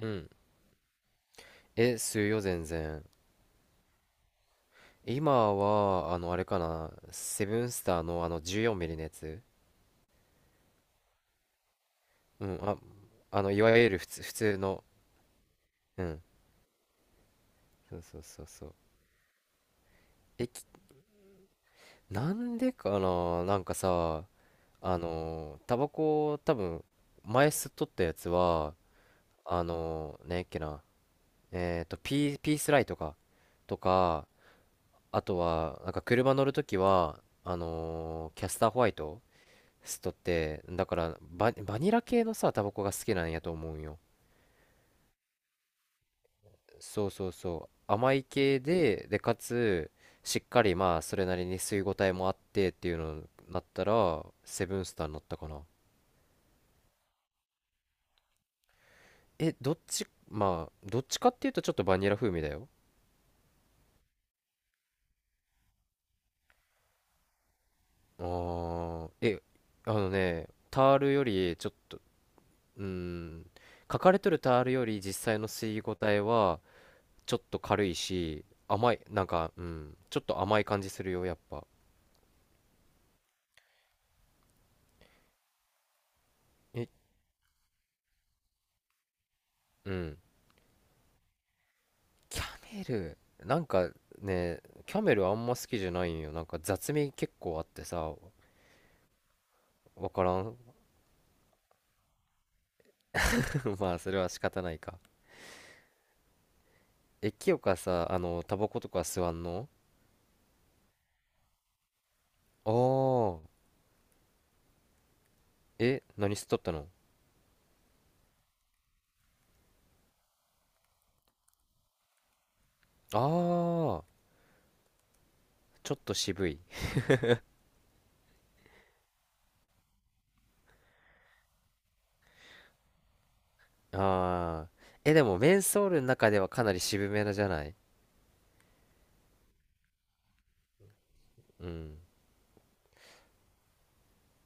うん。え、するよ、全然。今は、あれかな、セブンスターの14ミリのやつ。うん、あ、いわゆる普通の、うん、そうそうそうそう。え、きなんでかな、なんかさ、タバコ、多分、前吸っとったやつは、あの、ねえっけな、えっと、ピースライトか、とか、あとは、なんか車乗るときは、キャスターホワイトスト。ってだからバニラ系のさタバコが好きなんやと思うんよ。そうそうそう、甘い系ででかつしっかり、まあそれなりに吸い応えもあってっていうのになったら、セブンスターになったかな。え、どっち、まあどっちかっていうとちょっとバニラ風味だよ。あーえ、あのねタールよりちょっと、うーん、書かれとるタールより実際の吸い応えはちょっと軽いし甘い、なんか、うん、ちょっと甘い感じするよやっぱ。え、うん。キャメル、なんかね、キャメルあんま好きじゃないんよ。なんか雑味結構あってさ、わからん。まあ、それは仕方ないか。え、清香さ、あの、タバコとか吸わんの？ああー。え、何吸っとったの？ああー。ちょっと渋い。ああ。え、でも、メンソールの中ではかなり渋めなじゃない？うん。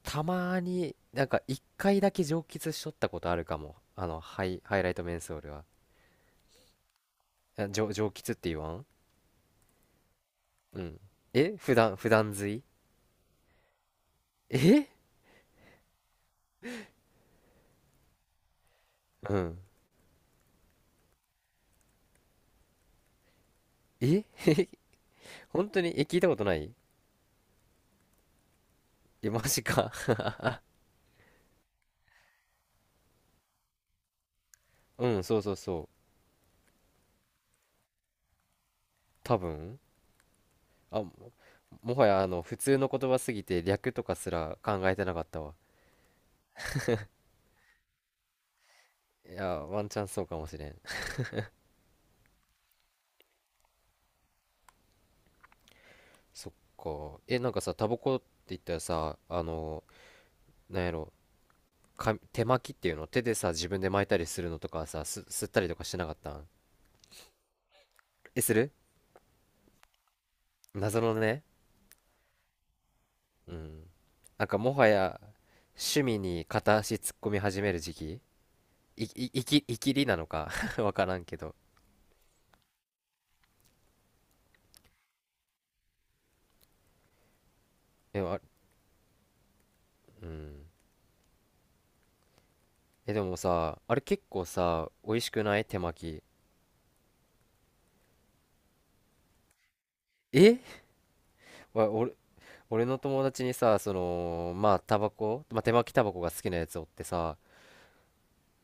たまーに、なんか、一回だけ蒸気しとったことあるかも。あの、ハイライトメンソールは。あ、蒸気って言わん？うん。え、普段吸い、え、うん。え、本当にえ、聞いたことない？え、マジか。うん、そうそうそう。多分。あ、もはや、あの、普通の言葉すぎて略とかすら考えてなかったわ。いや、ワンチャンそうかもしれん。そっか。え、なんかさ、タバコって言ったらさ、あの、なんやろ、か、手巻きっていうの、手でさ、自分で巻いたりするのとかさ、吸ったりとかしてなかったん？え、する、謎のね。うん。なんかもはや趣味に片足突っ込み始める時期、いきりなのか わからんけど。え、あ、うん。え、でもさ、あれ結構さ、美味しくない手巻き。え、俺、俺の友達にさ、その、まあ、タバコ、まあ、手巻きタバコが好きなやつおってさ、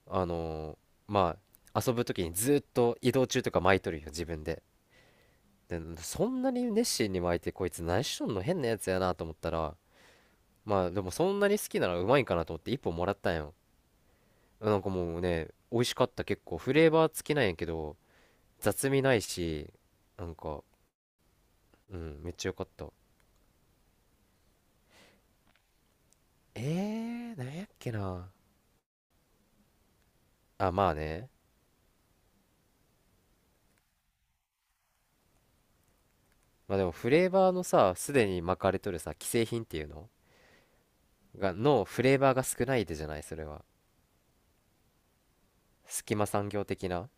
あのー、まあ、遊ぶ時にずっと移動中とか巻いとるよ、自分で。で、そんなに熱心に巻いて、こいつ何しとんの、変なやつやなと思ったら、まあでもそんなに好きならうまいんかなと思って一本もらったんよ。なんかもうね、美味しかった。結構フレーバー付きなんやけど雑味ないし、なんか、うん、めっちゃよかった。えー、なんやっけな。あ、まあね。まあでもフレーバーのさ、すでに巻かれとるさ既製品っていうのがのフレーバーが少ないでじゃないそれは、隙間産業的な。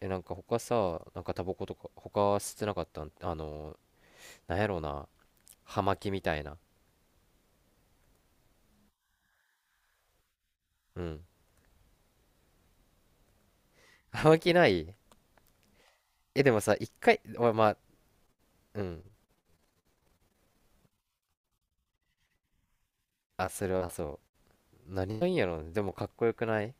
え、なんか他さ、なんかタバコとか他吸ってなかったん、あのー、なんやろうな、葉巻みたいな。うん、葉巻ない？え、でもさ、一回、お、まあ、うん。あ、それはそう。何がいいんやろうね。でもかっこよくない？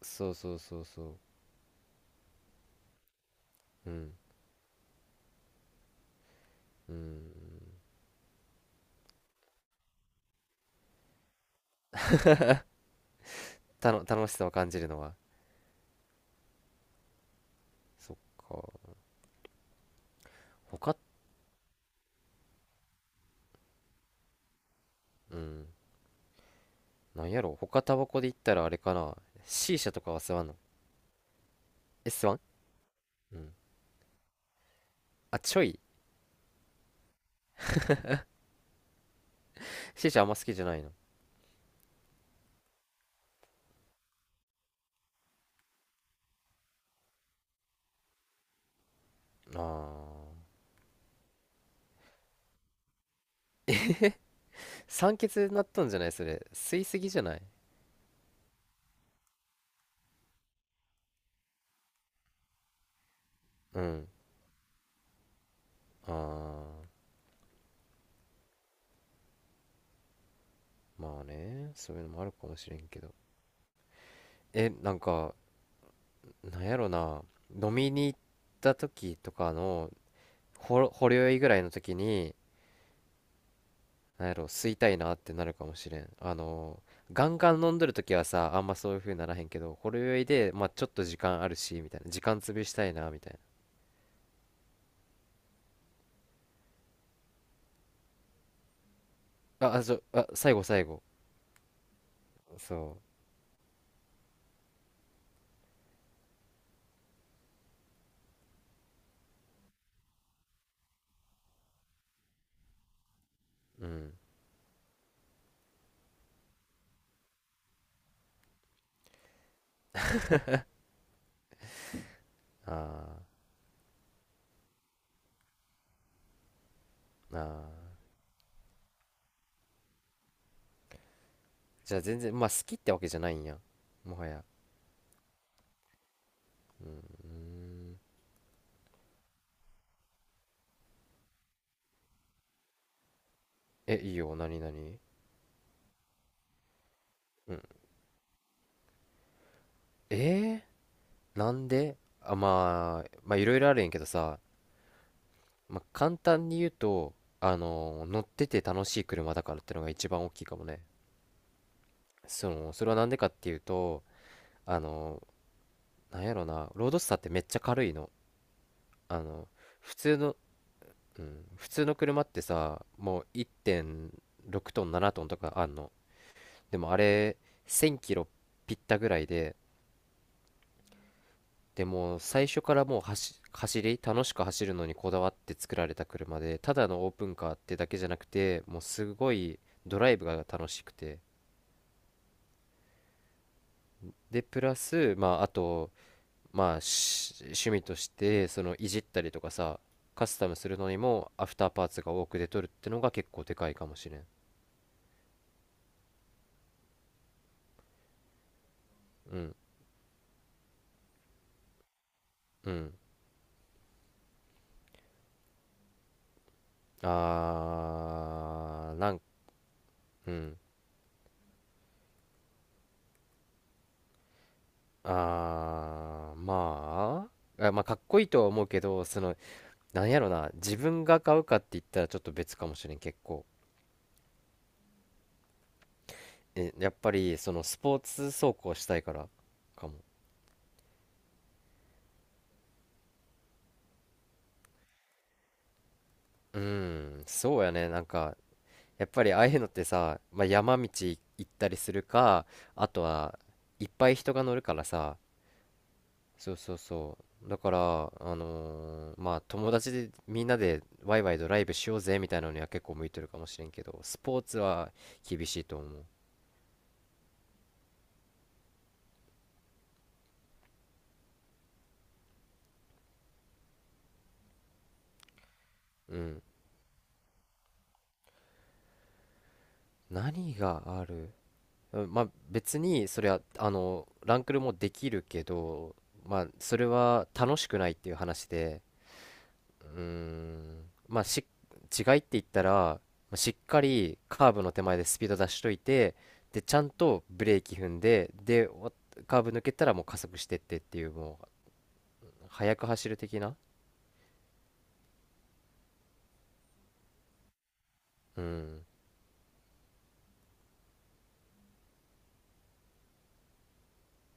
そうそうそうそう。うん。うん。たの、楽しさを感じるのは。そっか。他、うん。なんやろう、他タバコで言ったらあれかな。シーシャとかは吸わんの？え、吸わん？うん。あ、ちょい。シーシャあんま好きじゃないの。ああ。酸欠になっとんじゃないそれ。吸いすぎじゃない？うん。ああ。まあね。そういうのもあるかもしれんけど。え、なんか、なんやろな、飲みに行った時とかのほ、ほろ酔いぐらいの時になんやろ、吸いたいなってなるかもしれん、あの、ガンガン飲んどる時はさ、あんまそういう風にならへんけど、ほろ酔いでまあちょっと時間あるしみたいな、時間潰したいなみたいな。ああ、そう、あ、最後、最後、そう、うん。あー、あー、じゃあ全然まあ好きってわけじゃないんや、もはや。うーん。え、いいよ、何何。うん。えー、なんであ、まあまあいろいろあるんやけどさ、まあ、簡単に言うと、あのー、乗ってて楽しい車だからってのが一番大きいかもね。その、それはなんでかっていうと、あのー、なんやろな、ロードスターってめっちゃ軽いの。あの、普通の、うん、普通の車ってさ、もう1.6トン、7トンとかあんの。でもあれ、1000キロぴったぐらいで、でもう最初からもう走り、楽しく走るのにこだわって作られた車で、ただのオープンカーってだけじゃなくて、もうすごいドライブが楽しくて、で、プラス、まあ、あと、まあ、し趣味として、その、いじったりとかさ、カスタムするのにも、アフターパーツが多く出とるってのが結構でかいかもしれん。うん、うん。あー、なん、うん。あー、まあ、あ、まあ、かっこいいとは思うけど、その、なんやろな、自分が買うかって言ったらちょっと別かもしれん、結構。え、やっぱり、その、スポーツ走行したいから、かも。うん、そうやね、なんか、やっぱりああいうのってさ、まあ、山道行ったりするか、あとはいっぱい人が乗るからさ、そうそうそう。だから、あのー、まあ友達でみんなでワイワイドライブしようぜみたいなのには結構向いてるかもしれんけど、スポーツは厳しいと思う。うん。何がある？うん、まあ別にそれはあのランクルもできるけど、まあそれは楽しくないっていう話で、うーん、まあし、違いって言ったら、まあしっかりカーブの手前でスピード出しといて、で、ちゃんとブレーキ踏んで、で、お、カーブ抜けたらもう加速してってっていう、もう、速く走る的な。うん。